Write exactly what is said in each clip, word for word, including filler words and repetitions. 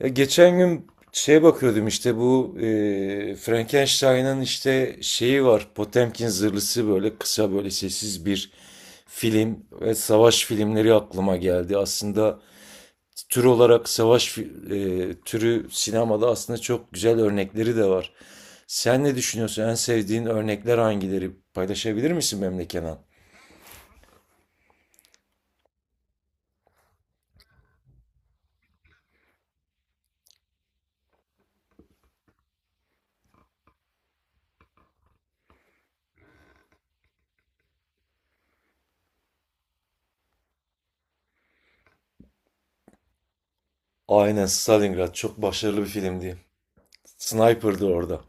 Ya geçen gün şeye bakıyordum işte bu e, Frankenstein'ın işte şeyi var. Potemkin zırhlısı böyle kısa böyle sessiz bir film ve savaş filmleri aklıma geldi. Aslında tür olarak savaş fi- e, türü sinemada aslında çok güzel örnekleri de var. Sen ne düşünüyorsun? En sevdiğin örnekler hangileri? Paylaşabilir misin benimle Kenan? Aynen, Stalingrad çok başarılı bir filmdi. Sniper'dı orada.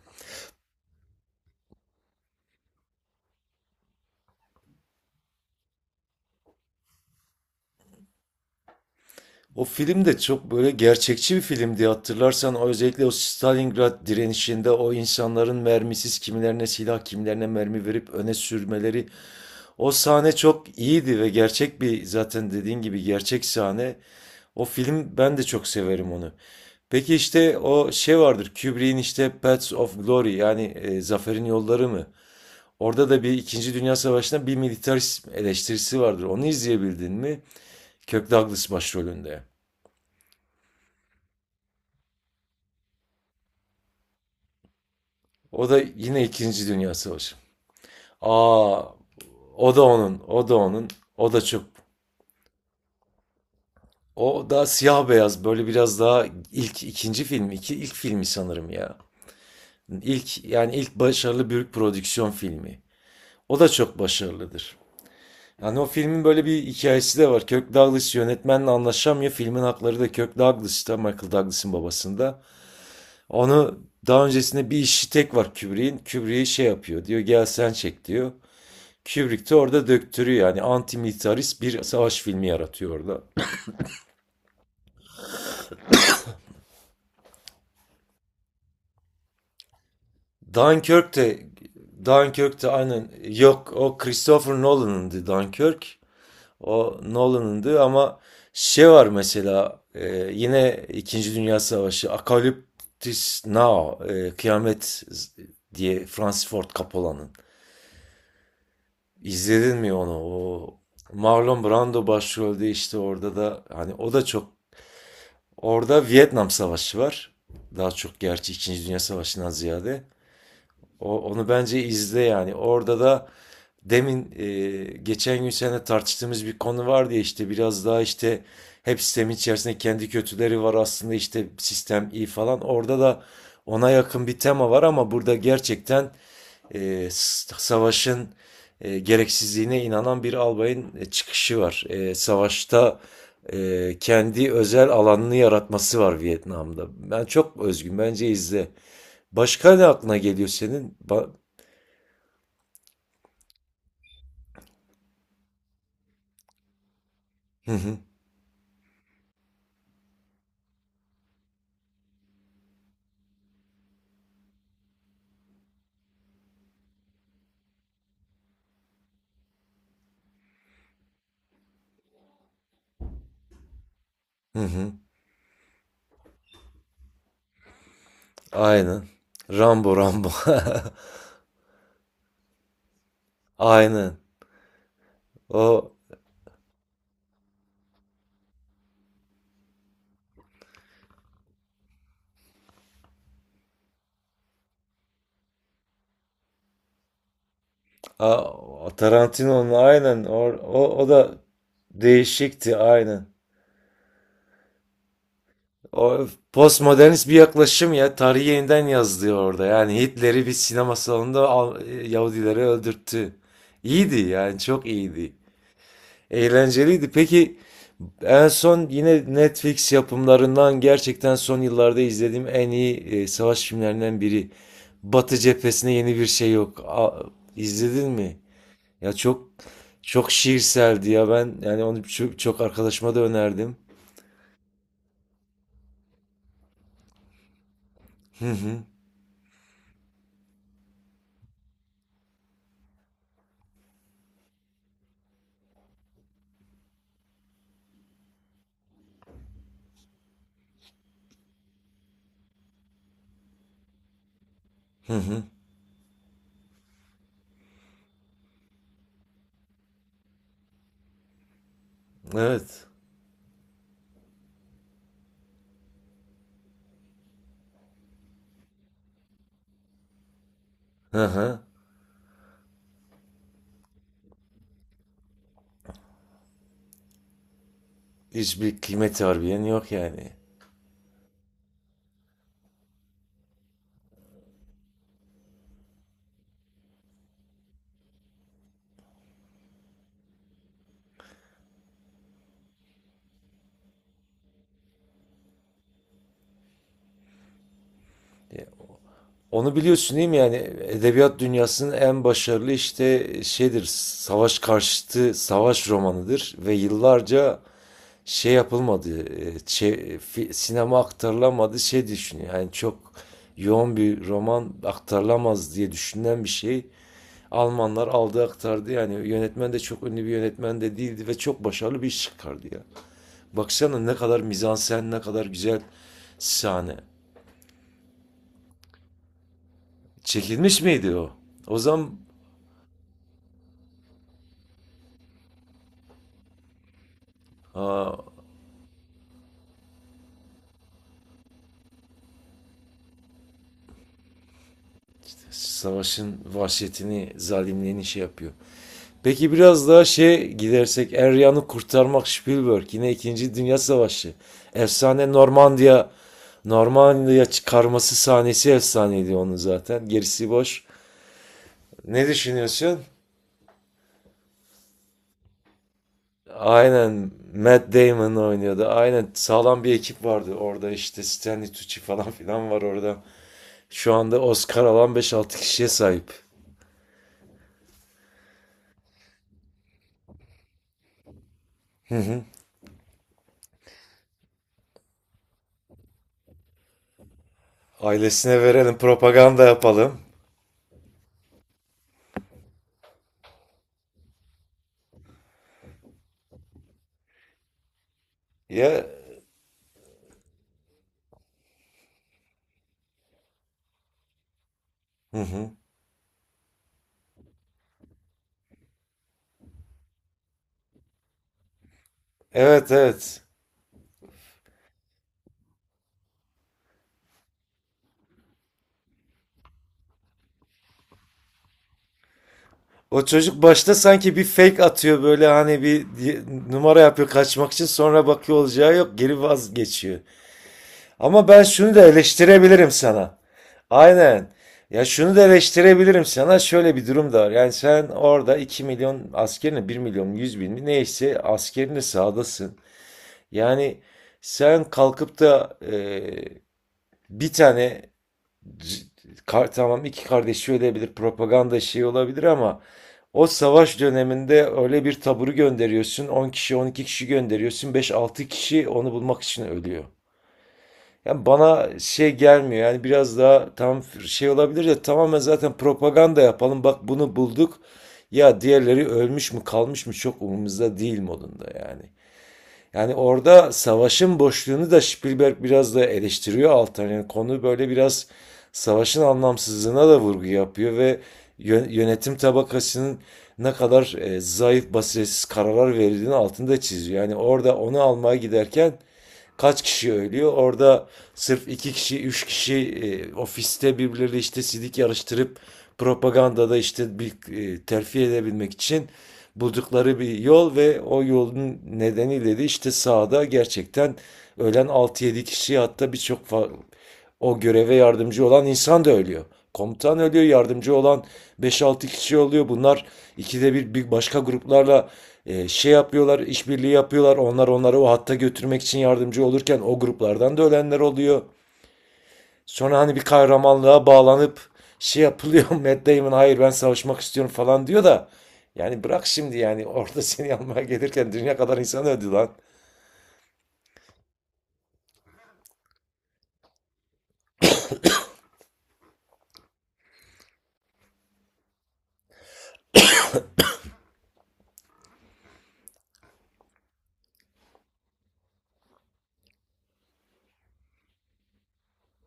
O film de çok böyle gerçekçi bir filmdi, hatırlarsan o özellikle o Stalingrad direnişinde o insanların mermisiz kimilerine silah kimilerine mermi verip öne sürmeleri, o sahne çok iyiydi ve gerçek bir, zaten dediğin gibi gerçek sahne. O film, ben de çok severim onu. Peki işte o şey vardır Kubrick'in, işte Paths of Glory yani e, Zaferin Yolları mı? Orada da bir İkinci Dünya Savaşı'nda bir militarist eleştirisi vardır. Onu izleyebildin mi? Kirk Douglas başrolünde. O da yine İkinci Dünya Savaşı. Aa, o da onun, o da onun, o da çok. O da siyah beyaz, böyle biraz daha ilk ikinci film, iki ilk filmi sanırım ya. İlk yani ilk başarılı büyük prodüksiyon filmi. O da çok başarılıdır. Yani o filmin böyle bir hikayesi de var. Kirk Douglas yönetmenle anlaşamıyor. Filmin hakları da Kirk Douglas'ta, Michael Douglas'ın babasında. Onu daha öncesinde bir işi tek var Kubrick'in. Kubrick'i şey yapıyor diyor, gel sen çek diyor. Kubrick de orada döktürüyor. Yani antimilitarist bir savaş filmi yaratıyor orada. Dunkirk de Dunkirk de aynen yok, o Christopher Nolan'ındı Dunkirk. O Nolan'ındı ama şey var mesela e, yine İkinci Dünya Savaşı Apocalypse Now, e, Kıyamet diye, Francis Ford Coppola'nın. İzledin mi onu? O Marlon Brando başrolde, işte orada da hani o da çok. Orada Vietnam Savaşı var. Daha çok gerçi İkinci Dünya Savaşı'ndan ziyade. O, onu bence izle yani. Orada da demin, e, geçen gün seninle tartıştığımız bir konu var diye, işte biraz daha işte hep sistemin içerisinde kendi kötüleri var aslında işte sistem iyi falan. Orada da ona yakın bir tema var ama burada gerçekten e, s- savaşın e, gereksizliğine inanan bir albayın e, çıkışı var. E, savaşta e, kendi özel alanını yaratması var Vietnam'da. Ben çok özgün. Bence izle. Başka ne aklına geliyor senin? Ba- Hı hı. Hı hı. Aynen. Rambo, Rambo. Aynen. O a, o Tarantino'nun, aynen Or- o, o da değişikti aynen. O postmodernist bir yaklaşım ya. Tarihi yeniden yazdı orada. Yani Hitler'i bir sinema salonunda Al- Yahudileri öldürttü. İyiydi yani, çok iyiydi. Eğlenceliydi. Peki, en son yine Netflix yapımlarından gerçekten son yıllarda izlediğim en iyi e, savaş filmlerinden biri. Batı cephesine yeni bir şey yok. A- izledin mi? Ya çok çok şiirseldi ya, ben yani onu çok, çok arkadaşıma da önerdim. Hı hı. Evet. Hı hı. Hiçbir kıymeti harbiden yok yani. Onu biliyorsun değil mi yani, edebiyat dünyasının en başarılı işte şeydir, savaş karşıtı savaş romanıdır ve yıllarca şey yapılmadı, e, sinema aktarılamadı şey düşünüyor. Yani çok yoğun bir roman, aktarılamaz diye düşünülen bir şey, Almanlar aldı aktardı yani, yönetmen de çok ünlü bir yönetmen de değildi ve çok başarılı bir iş çıkardı ya. Baksana ne kadar mizansen, ne kadar güzel sahne. Çekilmiş miydi o? O zaman, aa, savaşın vahşetini, zalimliğini şey yapıyor. Peki biraz daha şey gidersek, Eryan'ı kurtarmak, Spielberg yine ikinci Dünya Savaşı. Efsane Normandiya. Normandiya çıkarması sahnesi efsaneydi onun zaten. Gerisi boş. Ne düşünüyorsun? Aynen, Matt Damon oynuyordu. Aynen, sağlam bir ekip vardı orada, işte Stanley Tucci falan filan var orada. Şu anda Oscar alan beş altı kişiye sahip. Ailesine verelim, propaganda yapalım. Ya, hı hı. Evet, evet. O çocuk başta sanki bir fake atıyor böyle, hani bir numara yapıyor kaçmak için, sonra bakıyor olacağı yok, geri vazgeçiyor. Ama ben şunu da eleştirebilirim sana. Aynen. Ya şunu da eleştirebilirim sana, şöyle bir durum da var. Yani sen orada iki milyon askerini, bir milyon yüz bin mi neyse askerini sahadasın. Yani sen kalkıp da e, bir tane c- kar- tamam, iki kardeşi ölebilir, propaganda şeyi olabilir ama o savaş döneminde öyle bir taburu gönderiyorsun. On kişi, on iki kişi gönderiyorsun. Beş altı kişi onu bulmak için ölüyor. Yani bana şey gelmiyor. Yani biraz daha tam şey olabilir de tamamen zaten propaganda yapalım, bak bunu bulduk. Ya diğerleri ölmüş mü kalmış mı çok umurumuzda değil modunda yani. Yani orada savaşın boşluğunu da Spielberg biraz da eleştiriyor alttan. Yani konu böyle biraz savaşın anlamsızlığına da vurgu yapıyor ve yönetim tabakasının ne kadar e, zayıf, basiretsiz kararlar verildiğini altında çiziyor. Yani orada onu almaya giderken kaç kişi ölüyor? Orada sırf iki kişi, üç kişi e, ofiste birbirleriyle işte sidik yarıştırıp propagandada işte bir e, terfi edebilmek için buldukları bir yol ve o yolun nedeniyle de işte sahada gerçekten ölen altı yedi kişi, hatta birçok o göreve yardımcı olan insan da ölüyor. Komutan ölüyor, yardımcı olan beş altı kişi oluyor. Bunlar ikide bir, bir başka gruplarla e, şey yapıyorlar, işbirliği yapıyorlar. Onlar onları o hatta götürmek için yardımcı olurken o gruplardan da ölenler oluyor. Sonra hani bir kahramanlığa bağlanıp şey yapılıyor. Matt Damon, hayır ben savaşmak istiyorum falan diyor da. Yani bırak şimdi yani, orada seni almaya gelirken dünya kadar insan öldü lan.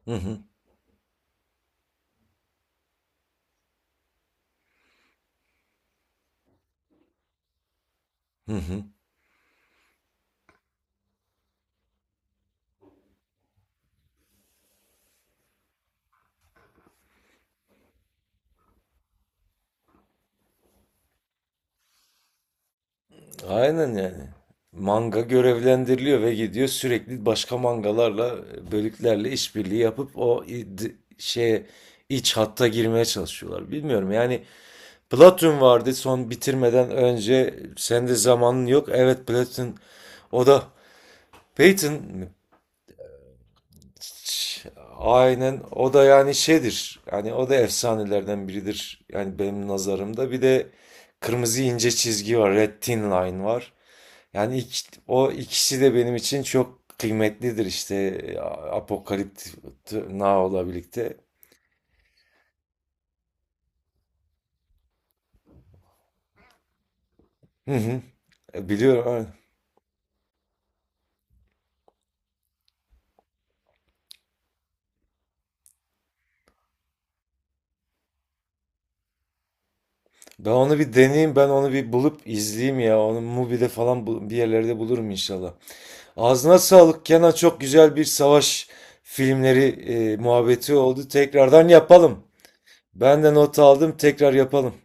Hı hı, hı hı. Aynen yani. Manga görevlendiriliyor ve gidiyor sürekli başka mangalarla, bölüklerle işbirliği yapıp o i- d- şeye, iç hatta girmeye çalışıyorlar. Bilmiyorum yani, Platoon vardı son bitirmeden önce sen de zamanın yok. Evet, Platoon, o da Peyton mi? Ç- Aynen, o da yani şeydir. Yani o da efsanelerden biridir. Yani benim nazarımda bir de kırmızı ince çizgi var. Red Thin Line var. Yani ik- o ikisi de benim için çok kıymetlidir, işte Apokalipt Now'la birlikte. Hı hı. E, Biliyorum, aynen. Ben onu bir deneyeyim, ben onu bir bulup izleyeyim ya. Onu Mubi'de falan bu- bir yerlerde bulurum inşallah. Ağzına sağlık Kenan, çok güzel bir savaş filmleri e, muhabbeti oldu. Tekrardan yapalım. Ben de not aldım, tekrar yapalım.